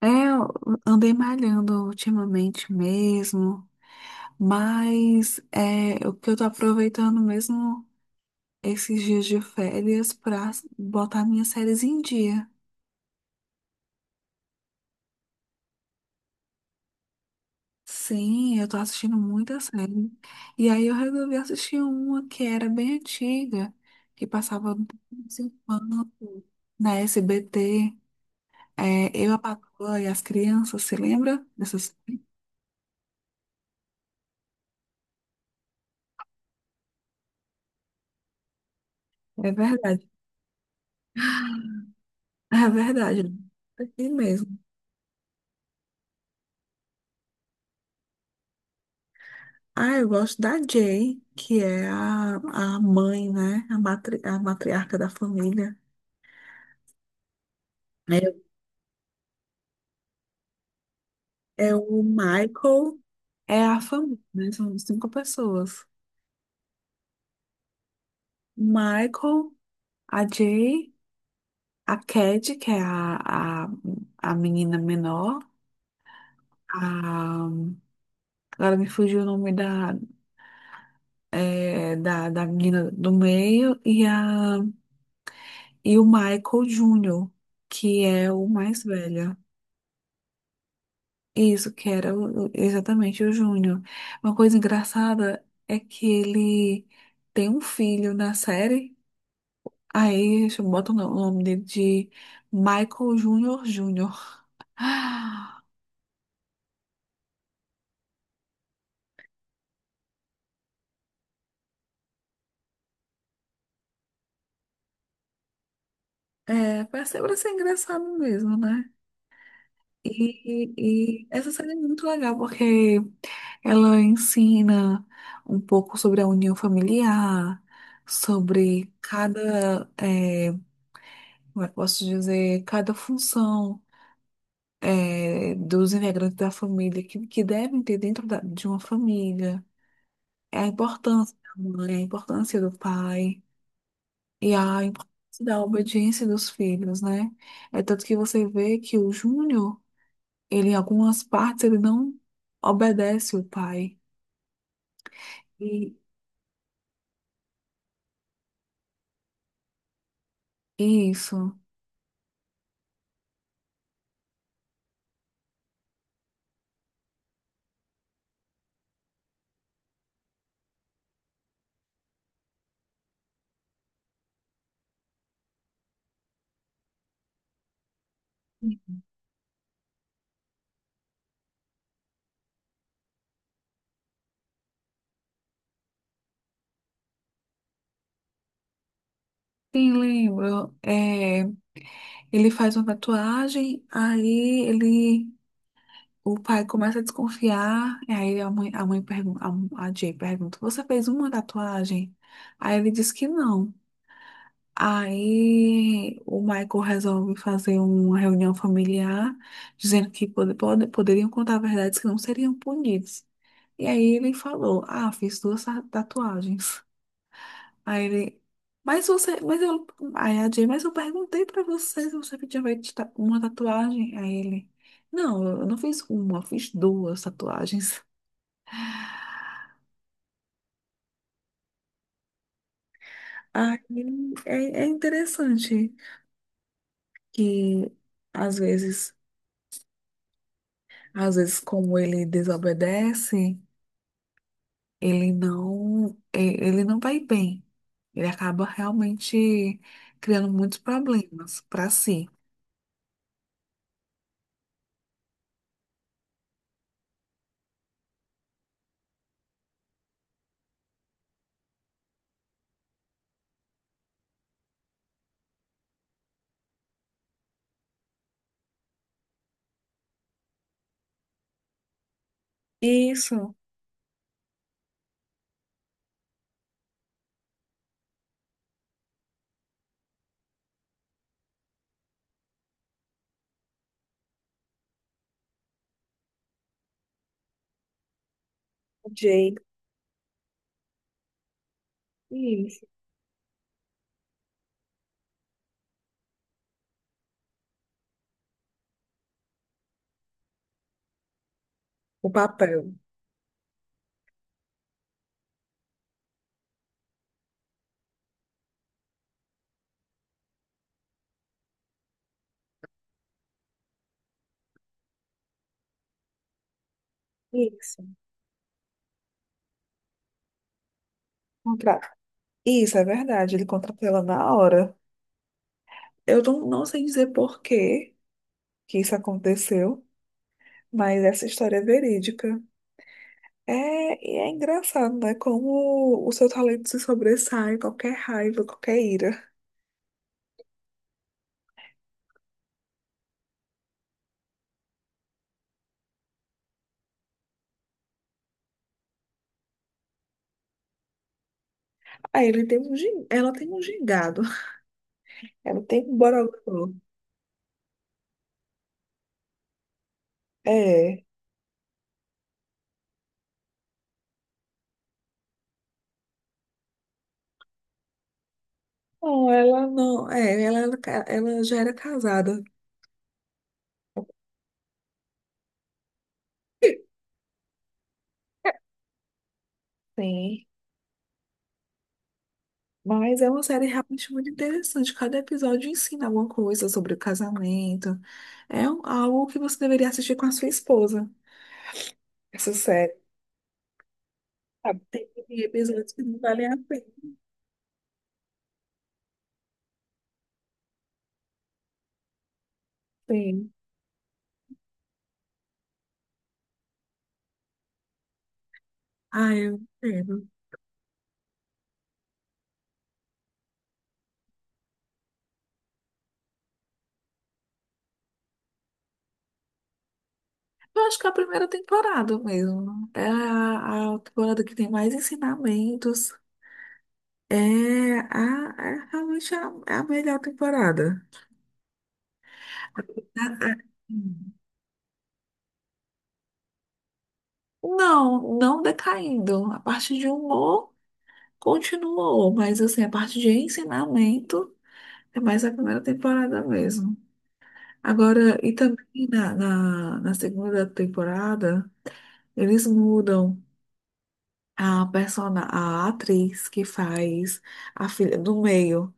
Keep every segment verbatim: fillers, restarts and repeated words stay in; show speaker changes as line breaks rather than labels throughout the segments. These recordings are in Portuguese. É, eu andei malhando ultimamente mesmo, mas é o que eu tô aproveitando mesmo esses dias de férias pra botar minhas séries em dia. Sim, eu tô assistindo muita série. E aí eu resolvi assistir uma que era bem antiga, que passava no Enquanto, na S B T. É, Eu, a Patroa e as Crianças, você lembra? Dessas? É verdade, é verdade. Aqui mesmo. Ah, eu gosto da Jay, que é a, a mãe, né? A, matri, a matriarca da família. É, é o Michael, é a família, né? São cinco pessoas. Michael, a Jay, a Cad, que é a, a, a menina menor. A, agora me fugiu o nome da, é, da, da menina do meio. E, a, e o Michael Júnior, que é o mais velho. Isso, que era o- o- exatamente o Júnior. Uma coisa engraçada é que ele tem um filho na série, aí bota o no- o nome dele de Michael Júnior Júnior. Ah, É, pra ser, pra ser engraçado mesmo, né? E, e- e essa série é muito legal porque ela ensina um pouco sobre a união familiar, sobre cada, eh, como é que eu posso dizer, cada função. É, dos integrantes da família que, que devem ter dentro da- de uma família. É a importância da mãe, a importância do pai e a importância da obediência dos filhos, né? É tanto que você vê que o Júnior, ele em algumas partes, ele não obedece o pai. E e isso. Sim, lembro. É, ele faz uma tatuagem. Aí ele O pai começa a desconfiar, e aí a mãe, a mãe pergunta, a, a Jay pergunta, você fez uma tatuagem? Aí ele diz que não. Aí o Michael resolve fazer uma reunião familiar, dizendo que pode, pode- poderiam contar verdades que não seriam punidos. E aí ele falou, ah, fiz duas ta- tatuagens. Aí ele, mas você, mas eu, aí a Jay, mas eu perguntei pra você se você tinha feito ta- uma tatuagem. Aí ele, não, eu não fiz uma, eu fiz duas tatuagens. Aí é, é interessante que às vezes, às vezes como ele desobedece, ele não, e- ele não vai bem. Ele acaba realmente criando muitos problemas pra si. Isso, Jay. Isso. O papel. Isso. Contrato. Isso é verdade, ele contratou ela na hora. Eu não, não sei dizer por que que isso aconteceu, mas essa história é verídica. É, e é engraçado, né? Como o seu talento se sobressai, qualquer raiva, qualquer ira. Ah, ele tem um, gin- ela tem um gingado, ela tem um bororó. É. Não, ela não. É, ela, era ca- ela já era casada. Sim. Mas é uma série realmente muito interessante. Cada episódio ensina alguma coisa sobre o casamento. É um- algo que você deveria assistir com a sua esposa. Essa série. Sabe, tem episódios que não valem a pena. Tem. Ah, eu entendo. Eu acho que é a primeira temporada mesmo. É a, a temporada que tem mais ensinamentos. É, a, é realmente a, é a melhor temporada. A- a- Não, não decaindo. A parte de humor. Continuou, mas assim, a parte de ensinamento é mais a primeira temporada mesmo. Agora, e também na, na, na segunda temporada, eles mudam a persona, a atriz que faz a filha do meio,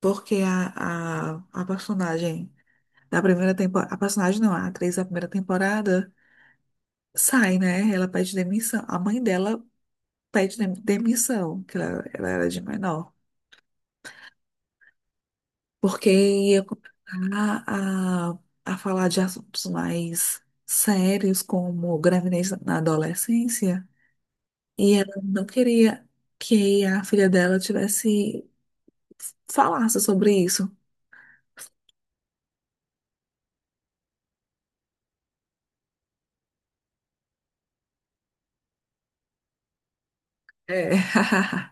porque a, a, a personagem da primeira temporada, a personagem não, a atriz da primeira temporada sai, né? Ela pede demissão, a mãe dela pede dem- demissão, que ela, ela era de menor. Porque ia começar a, a falar de assuntos mais sérios, como gravidez na adolescência, e ela não queria que a filha dela tivesse falasse sobre isso. É,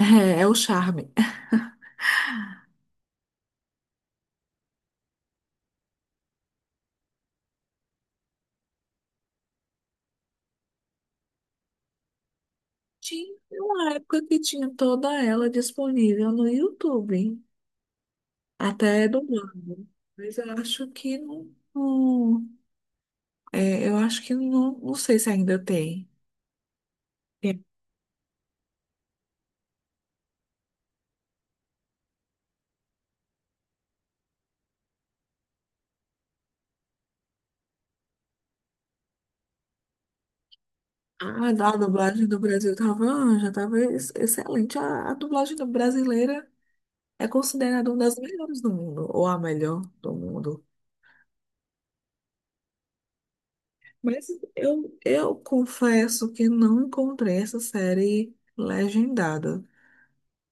é, é o charme. Tinha uma época que tinha toda ela disponível no YouTube, até dublado. Mas eu acho que não, não- é, eu acho que não, não sei se ainda tem. Ah, da- a dublagem do Brasil tava, ah, já tava ex- excelente. A, a dublagem do brasileira é considerada uma das melhores do mundo, ou a melhor do mundo. Mas eu, eu confesso que não encontrei essa série legendada.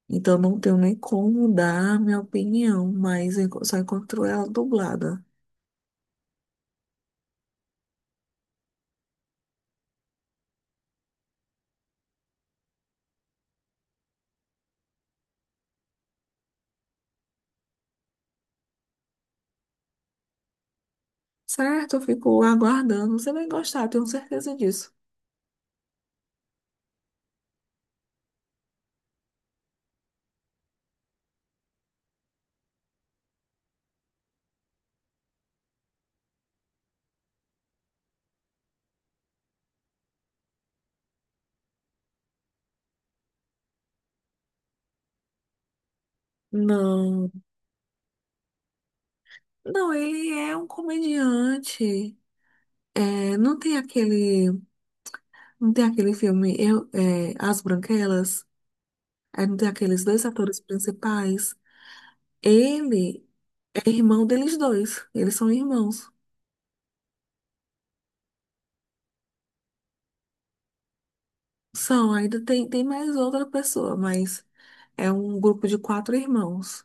Então não tenho nem como dar a minha opinião, mas enco- só encontro ela dublada. Certo, eu fico aguardando. Você vai gostar, tenho certeza disso. Não, não, ele é um comediante. É, não tem aquele. Não tem aquele filme eu, é, As Branquelas? Aí não tem aqueles dois atores principais? Ele é irmão deles dois. Eles são irmãos. São, ainda tem, tem mais outra pessoa, mas é um grupo de quatro irmãos.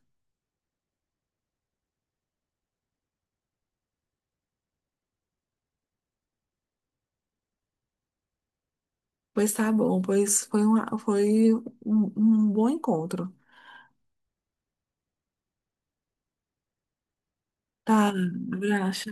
Pois tá bom, pois foi, uma, foi um, um bom encontro. Tá, graxa.